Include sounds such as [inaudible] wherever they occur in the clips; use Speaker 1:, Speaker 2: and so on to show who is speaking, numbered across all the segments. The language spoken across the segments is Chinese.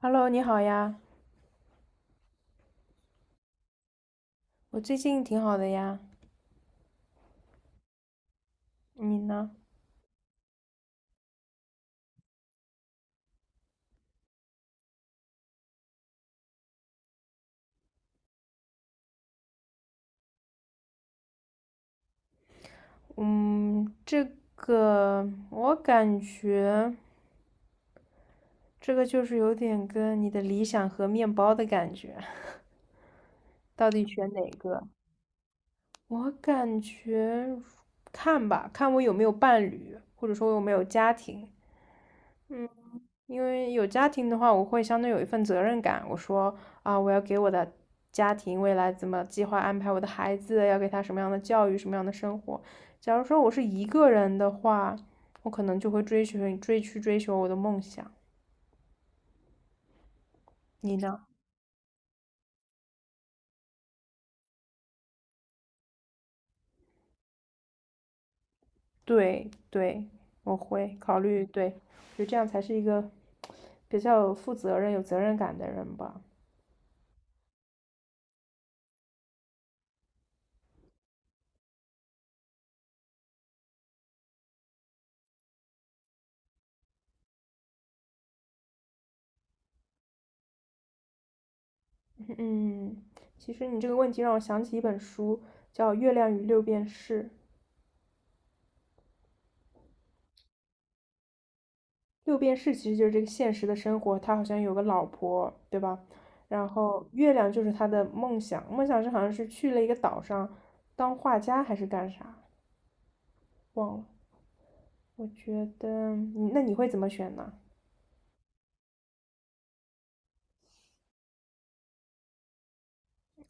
Speaker 1: Hello，你好呀，我最近挺好的呀，你呢？嗯，这个我感觉这个就是有点跟你的理想和面包的感觉，[laughs] 到底选哪个？我感觉看吧，看我有没有伴侣，或者说我有没有家庭。因为有家庭的话，我会相对有一份责任感。我说啊，我要给我的家庭未来怎么计划安排我的孩子，要给他什么样的教育，什么样的生活。假如说我是一个人的话，我可能就会追求我的梦想。你呢？对对，我会考虑，对，就这样才是一个比较有负责任、有责任感的人吧。嗯，其实你这个问题让我想起一本书，叫《月亮与六便士》。六便士其实就是这个现实的生活，他好像有个老婆，对吧？然后月亮就是他的梦想，梦想是好像是去了一个岛上当画家还是干啥，忘了。我觉得，你那你会怎么选呢？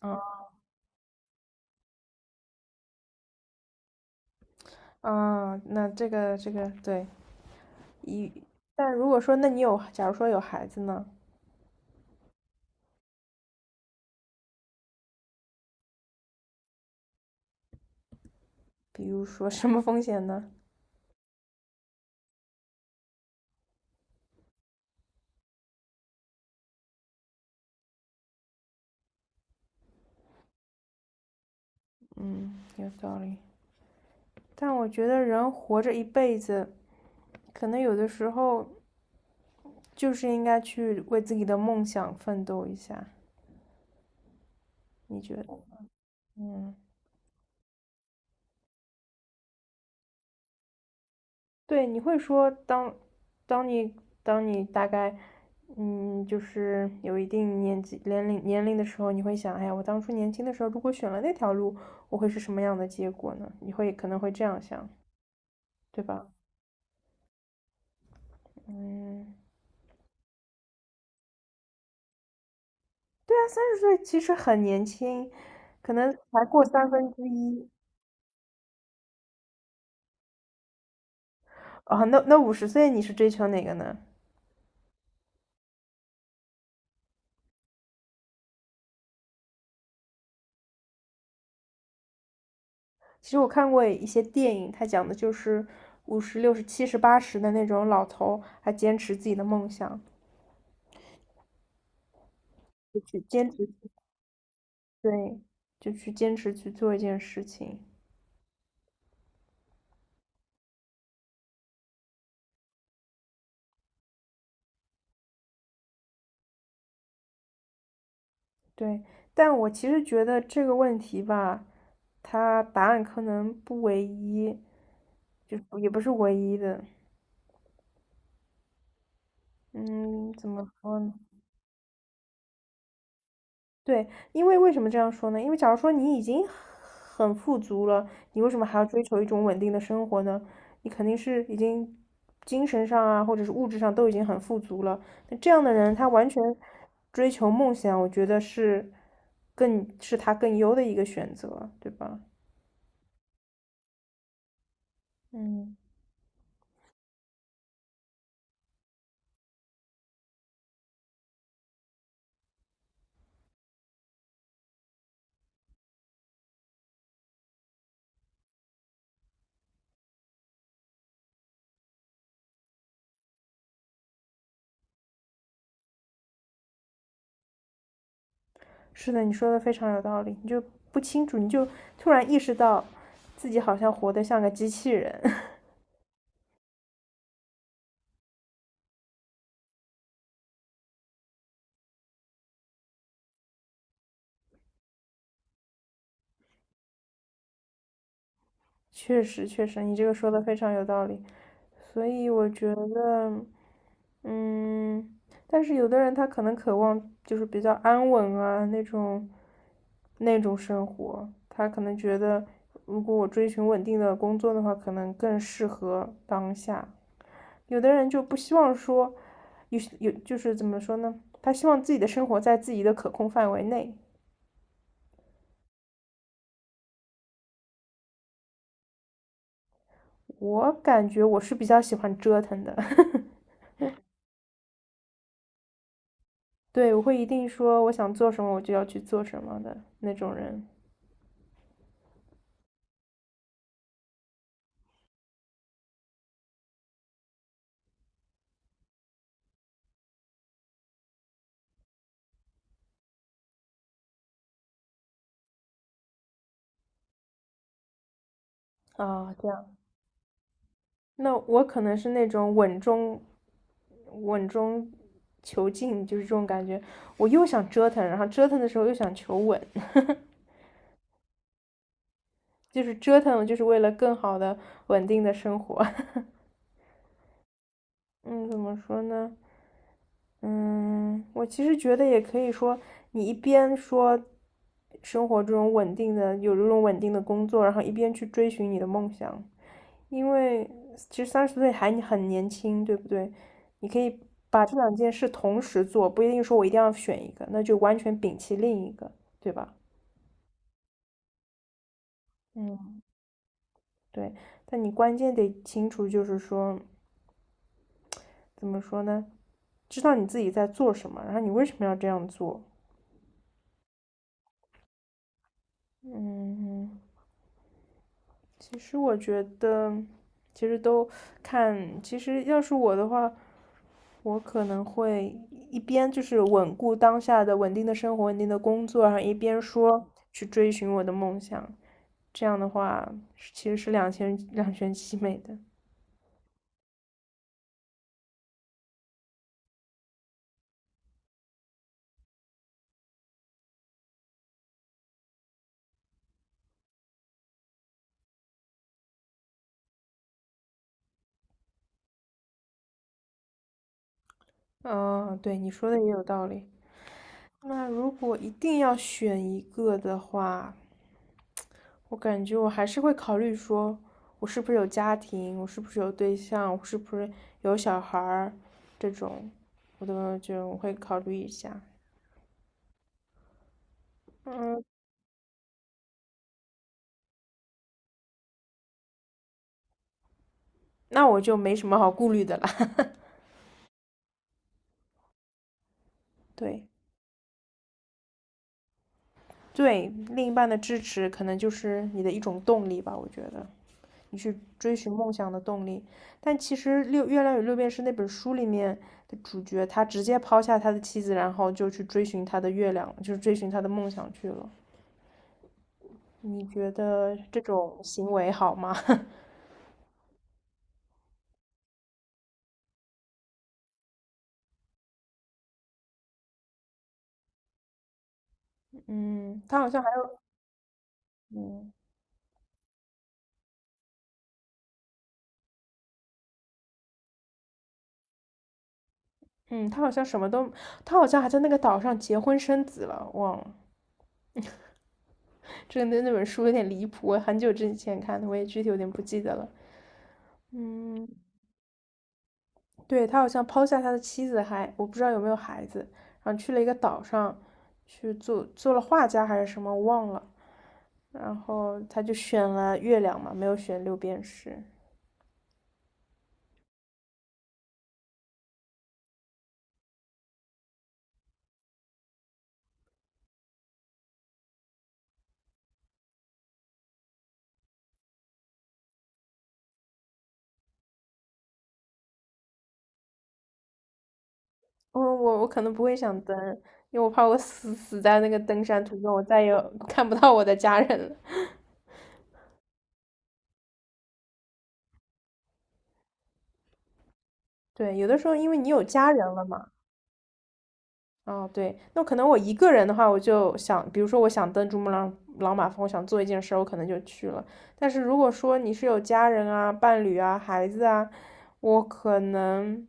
Speaker 1: 啊啊，那这个对一，但如果说那你有，假如说有孩子呢？比如说什么风险呢？嗯，有道理。但我觉得人活着一辈子，可能有的时候就是应该去为自己的梦想奋斗一下，你觉得？嗯，对，你会说当你当你大概，嗯，就是有一定年龄的时候，你会想，哎呀，我当初年轻的时候如果选了那条路，我会是什么样的结果呢？你会可能会这样想，对吧？嗯，对啊，三十岁其实很年轻，可能才过三分之一啊。那50岁你是追求哪个呢？其实我看过一些电影，它讲的就是50、60、70、80的那种老头，还坚持自己的梦想，就去坚持，对，就去坚持去做一件事情，对。但我其实觉得这个问题吧，它答案可能不唯一，就也不是唯一的。嗯，怎么说呢？对，因为为什么这样说呢？因为假如说你已经很富足了，你为什么还要追求一种稳定的生活呢？你肯定是已经精神上啊，或者是物质上都已经很富足了。那这样的人，他完全追求梦想，我觉得是更是他更优的一个选择，对吧？嗯，是的，你说的非常有道理。你就不清楚，你就突然意识到自己好像活得像个机器人。[laughs] 确实，确实，你这个说的非常有道理，所以我觉得，嗯，但是有的人他可能渴望就是比较安稳啊那种，那种生活，他可能觉得如果我追寻稳定的工作的话，可能更适合当下。有的人就不希望说，就是怎么说呢？他希望自己的生活在自己的可控范围内。我感觉我是比较喜欢折腾的。[laughs] 对，我会一定说我想做什么，我就要去做什么的那种人。啊，这样。那我可能是那种稳中求进，就是这种感觉。我又想折腾，然后折腾的时候又想求稳，[laughs] 就是折腾，就是为了更好的稳定的生活。[laughs] 嗯，怎么说呢？嗯，我其实觉得也可以说，你一边说生活这种稳定的，有这种稳定的工作，然后一边去追寻你的梦想，因为其实三十岁还很年轻，对不对？你可以把这两件事同时做，不一定说我一定要选一个，那就完全摒弃另一个，对吧？嗯，对，但你关键得清楚，就是说怎么说呢？知道你自己在做什么，然后你为什么要这样做？嗯。其实我觉得，其实都看，其实要是我的话，我可能会一边就是稳固当下的稳定的生活、稳定的工作，然后一边说去追寻我的梦想。这样的话，是其实是两全其美的。嗯，对，你说的也有道理。那如果一定要选一个的话，我感觉我还是会考虑说，我是不是有家庭，我是不是有对象，我是不是有小孩儿，这种，我都就我会考虑一下。嗯，那我就没什么好顾虑的了。[laughs] 对对，另一半的支持可能就是你的一种动力吧，我觉得你去追寻梦想的动力。但其实《月亮与六便士》那本书里面的主角，他直接抛下他的妻子，然后就去追寻他的月亮，就是追寻他的梦想去了。你觉得这种行为好吗？[laughs] 嗯，他好像还有，嗯嗯，他好像什么都，他好像还在那个岛上结婚生子了，忘了。这个那本书有点离谱，我很久之前看的，我也具体有点不记得了。嗯，对，他好像抛下他的妻子还，我不知道有没有孩子，然后去了一个岛上去做了画家还是什么，我忘了。然后他就选了月亮嘛，没有选六便士。嗯，我可能不会想登，因为我怕我死在那个登山途中，我再也 [laughs] 看不到我的家人了。对，有的时候因为你有家人了嘛，哦，对，那可能我一个人的话，我就想，比如说我想登珠穆朗玛峰，我想做一件事儿，我可能就去了。但是如果说你是有家人啊、伴侣啊、孩子啊，我可能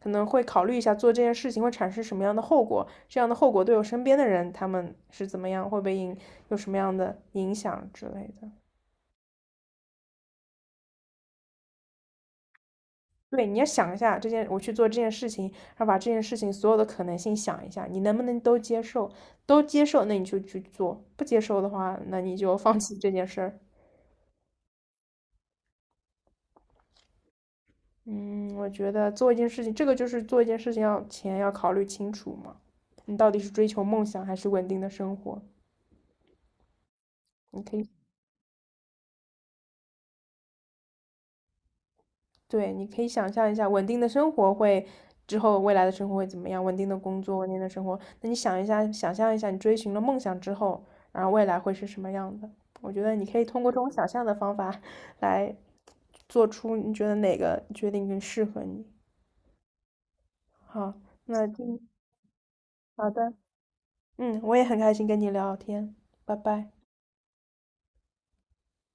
Speaker 1: 可能会考虑一下做这件事情会产生什么样的后果，这样的后果对我身边的人他们是怎么样，会被影有什么样的影响之类的。对，你要想一下这件，我去做这件事情，然后把这件事情所有的可能性想一下，你能不能都接受？都接受，那你就去做；不接受的话，那你就放弃这件事儿。嗯，我觉得做一件事情，这个就是做一件事情要前要考虑清楚嘛，你到底是追求梦想还是稳定的生活？你可以。对，你可以想象一下，稳定的生活会之后未来的生活会怎么样？稳定的工作，稳定的生活。那你想一下，想象一下，你追寻了梦想之后，然后未来会是什么样的？我觉得你可以通过这种想象的方法来做出你觉得哪个决定更适合你。好，那今好的，嗯，我也很开心跟你聊天，拜拜。